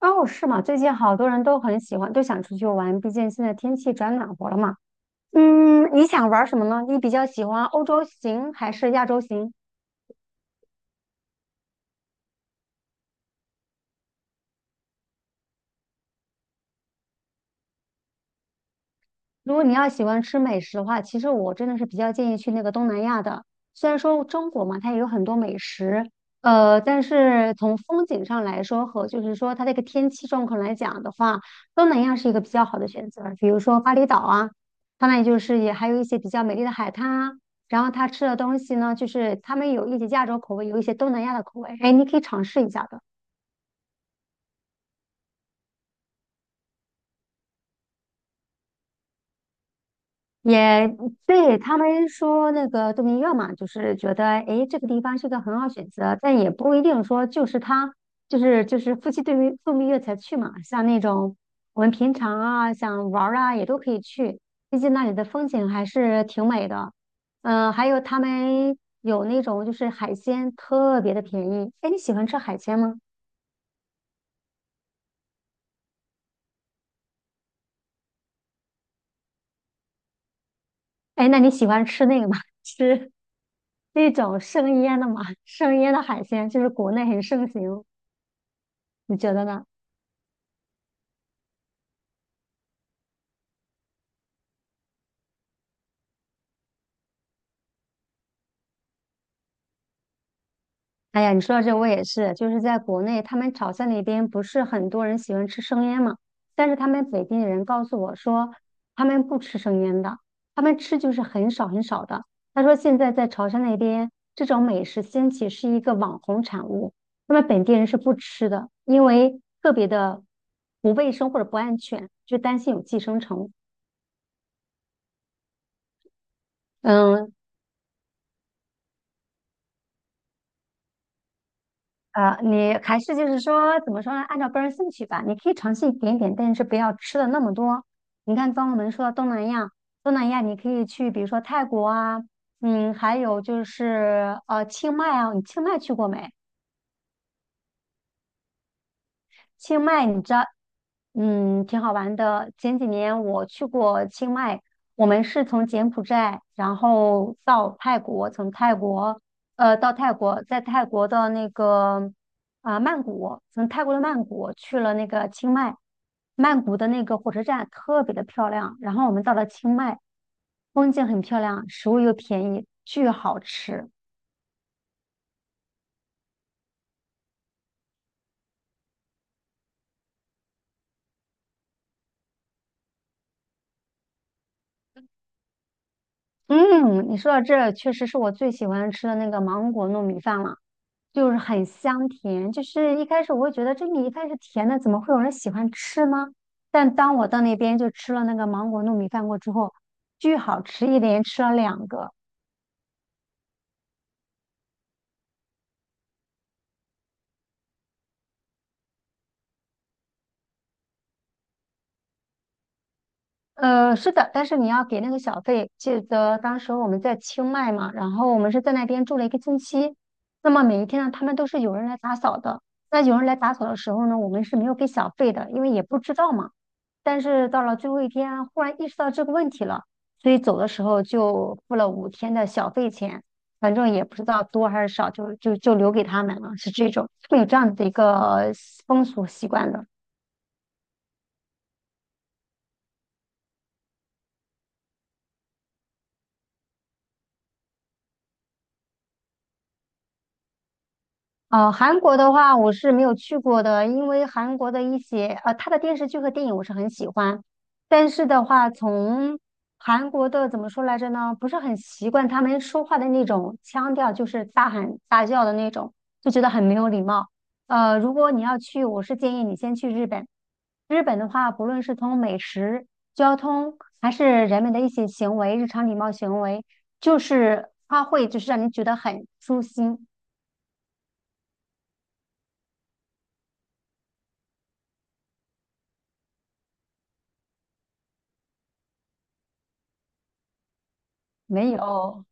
哦，是吗？最近好多人都很喜欢，都想出去玩，毕竟现在天气转暖和了嘛。嗯，你想玩什么呢？你比较喜欢欧洲行还是亚洲行？如果你要喜欢吃美食的话，其实我真的是比较建议去那个东南亚的。虽然说中国嘛，它也有很多美食，但是从风景上来说和就是说它这个天气状况来讲的话，东南亚是一个比较好的选择。比如说巴厘岛啊，它那里就是也还有一些比较美丽的海滩啊。然后它吃的东西呢，就是他们有一些亚洲口味，有一些东南亚的口味，哎，你可以尝试一下的。也对他们说那个度蜜月嘛，就是觉得诶这个地方是个很好选择，但也不一定说就是他就是夫妻度蜜月才去嘛。像那种我们平常啊想玩儿啊也都可以去，毕竟那里的风景还是挺美的。还有他们有那种就是海鲜特别的便宜。诶，你喜欢吃海鲜吗？诶，那你喜欢吃那个吗？吃那种生腌的吗？生腌的海鲜就是国内很盛行，你觉得呢？哎呀，你说到这，我也是，就是在国内，他们潮汕那边不是很多人喜欢吃生腌嘛，但是他们本地人告诉我说，他们不吃生腌的，他们吃就是很少很少的。他说现在在潮汕那边，这种美食兴起是一个网红产物，他们本地人是不吃的，因为特别的不卫生或者不安全，就担心有寄生虫。嗯，你还是就是说，怎么说呢？按照个人兴趣吧，你可以尝试一点点，但是不要吃的那么多。你看，刚刚我们说到东南亚，东南亚你可以去，比如说泰国啊，还有就是清迈啊，你清迈去过没？清迈，你知道，挺好玩的。前几年我去过清迈，我们是从柬埔寨，然后到泰国，从泰国，到泰国，在泰国的那个啊、曼谷，从泰国的曼谷去了那个清迈，曼谷的那个火车站特别的漂亮。然后我们到了清迈，风景很漂亮，食物又便宜，巨好吃。嗯，你说到这，确实是我最喜欢吃的那个芒果糯米饭了，就是很香甜。就是一开始我会觉得这米饭是甜的，怎么会有人喜欢吃呢？但当我到那边就吃了那个芒果糯米饭过之后，巨好吃，一连吃了两个。是的，但是你要给那个小费。记得当时我们在清迈嘛，然后我们是在那边住了一个星期。那么每一天呢，他们都是有人来打扫的。那有人来打扫的时候呢，我们是没有给小费的，因为也不知道嘛。但是到了最后一天，忽然意识到这个问题了，所以走的时候就付了5天的小费钱，反正也不知道多还是少，就留给他们了，是这种，会有这样的一个风俗习惯的。韩国的话我是没有去过的，因为韩国的一些他的电视剧和电影我是很喜欢，但是的话，从韩国的怎么说来着呢？不是很习惯他们说话的那种腔调，就是大喊大叫的那种，就觉得很没有礼貌。如果你要去，我是建议你先去日本。日本的话，不论是从美食、交通，还是人们的一些行为、日常礼貌行为，就是它会就是让你觉得很舒心，没有。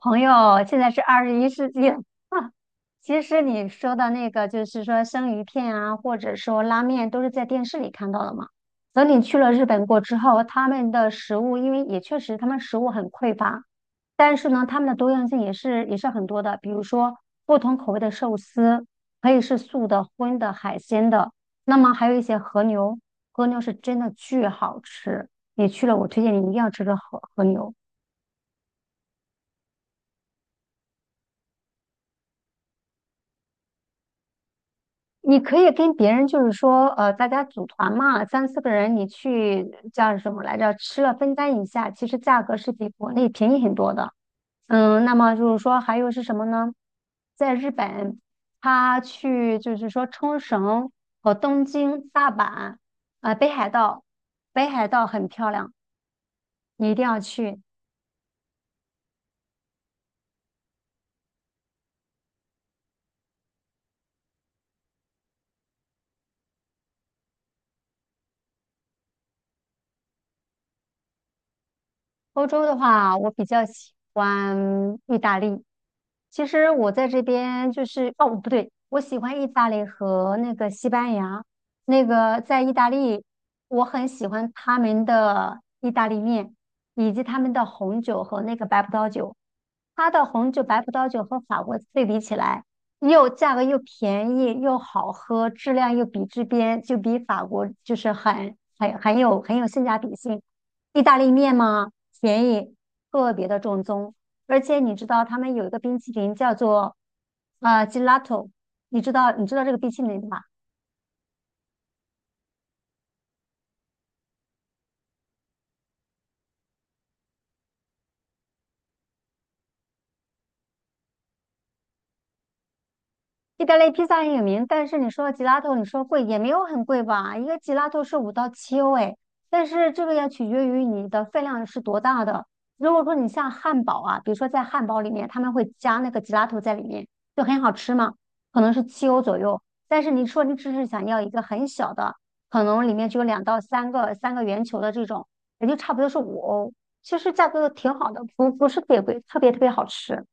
朋友，现在是21世纪了。其实你说的那个，就是说生鱼片啊，或者说拉面，都是在电视里看到的嘛。等你去了日本过之后，他们的食物，因为也确实他们食物很匮乏，但是呢，他们的多样性也是很多的。比如说不同口味的寿司，可以是素的、荤的、海鲜的，那么还有一些和牛，和牛是真的巨好吃。你去了，我推荐你一定要吃个和牛。你可以跟别人就是说，大家组团嘛，三四个人，你去叫什么来着？吃了分担一下，其实价格是比国内便宜很多的。嗯，那么就是说还有是什么呢？在日本，他去就是说冲绳和东京、大阪，啊、北海道，北海道很漂亮，你一定要去。欧洲的话，我比较喜欢意大利。其实我在这边就是，哦，不对，我喜欢意大利和那个西班牙。那个在意大利，我很喜欢他们的意大利面，以及他们的红酒和那个白葡萄酒。它的红酒、白葡萄酒和法国对比起来，又价格又便宜又好喝，质量又比这边就比法国就是很有性价比性。意大利面嘛，便宜，特别的正宗。而且你知道他们有一个冰淇淋叫做gelato，你知道这个冰淇淋吧？意大利披萨很有名，但是你说吉拉头，你说贵也没有很贵吧？一个吉拉头是5到7欧哎，但是这个要取决于你的分量是多大的。如果说你像汉堡啊，比如说在汉堡里面他们会加那个吉拉头在里面，就很好吃嘛，可能是七欧左右。但是你说你只是想要一个很小的，可能里面只有两到三个圆球的这种，也就差不多是5欧。其实价格挺好的，不是特别贵，特别特别好吃。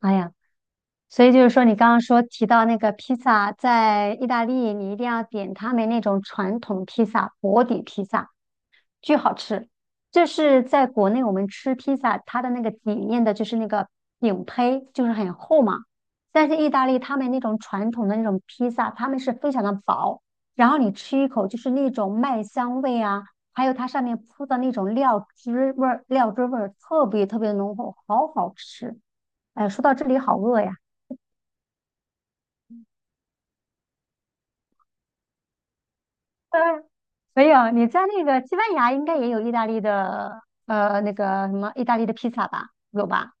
哎呀。所以就是说，你刚刚提到那个披萨，在意大利你一定要点他们那种传统披萨，薄底披萨，巨好吃。这是在国内我们吃披萨，它的那个底面的就是那个饼胚，就是很厚嘛。但是意大利他们那种传统的那种披萨，他们是非常的薄，然后你吃一口就是那种麦香味啊，还有它上面铺的那种料汁味儿，料汁味儿特别特别浓厚，好好吃。哎，说到这里好饿呀。嗯，没有，你在那个西班牙应该也有意大利的，那个什么意大利的披萨吧？有吧？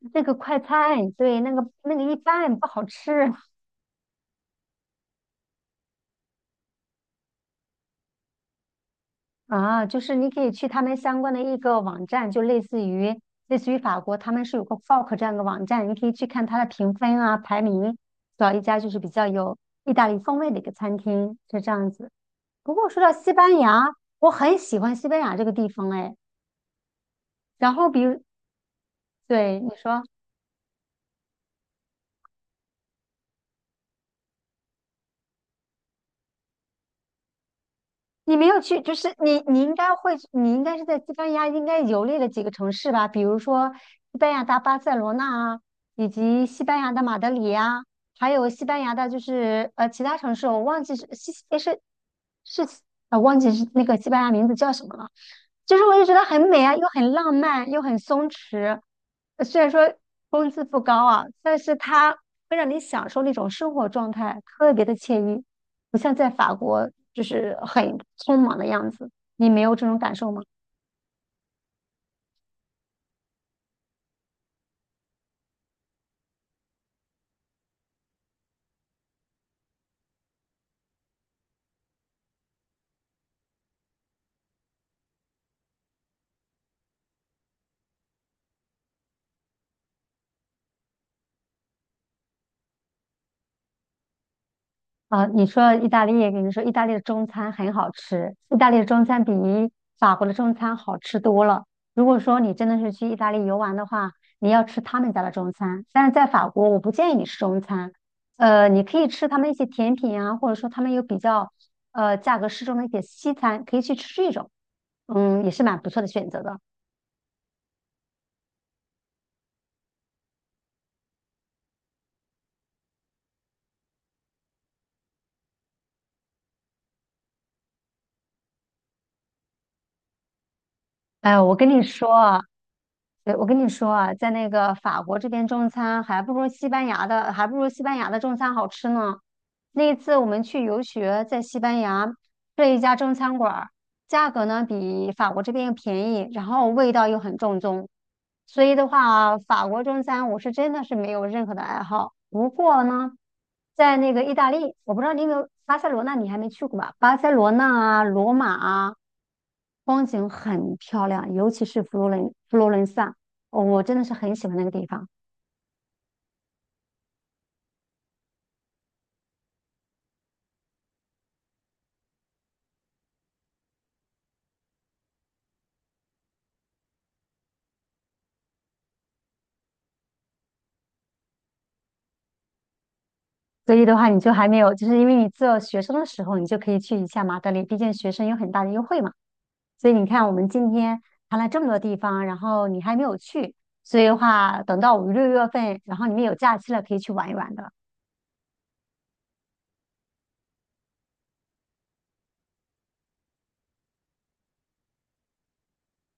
那个快餐，对，那个一般不好吃啊。就是你可以去他们相关的一个网站，就类似于法国，他们是有个 Fork 这样的网站，你可以去看它的评分啊、排名，找一家就是比较有意大利风味的一个餐厅，是这样子。不过说到西班牙，我很喜欢西班牙这个地方，哎，然后比如，对，你说。你没有去，就是你应该会，你应该是在西班牙应该游历了几个城市吧，比如说西班牙的巴塞罗那啊，以及西班牙的马德里呀、还有西班牙的就是其他城市，我是忘记是那个西班牙名字叫什么了，就是我就觉得很美啊，又很浪漫，又很松弛，虽然说工资不高啊，但是它会让你享受那种生活状态，特别的惬意。不像在法国就是很匆忙的样子。你没有这种感受吗？啊，你说意大利，跟你说意大利的中餐很好吃，意大利的中餐比法国的中餐好吃多了。如果说你真的是去意大利游玩的话，你要吃他们家的中餐，但是在法国我不建议你吃中餐，你可以吃他们一些甜品啊，或者说他们有比较价格适中的一些西餐，可以去吃这种，也是蛮不错的选择的。哎，我跟你说啊。对，我跟你说啊，在那个法国这边中餐还不如西班牙的中餐好吃呢。那一次我们去游学，在西班牙这一家中餐馆儿，价格呢比法国这边又便宜，然后味道又很正宗。所以的话啊，法国中餐我是真的是没有任何的爱好。不过呢，在那个意大利，我不知道你有没有巴塞罗那，你还没去过吧？巴塞罗那啊，罗马啊，风景很漂亮，尤其是佛罗伦萨，哦我真的是很喜欢那个地方。所以的话，你就还没有，就是因为你做学生的时候，你就可以去一下马德里，毕竟学生有很大的优惠嘛。所以你看，我们今天谈了这么多地方，然后你还没有去，所以的话，等到五六月份，然后你们有假期了，可以去玩一玩的。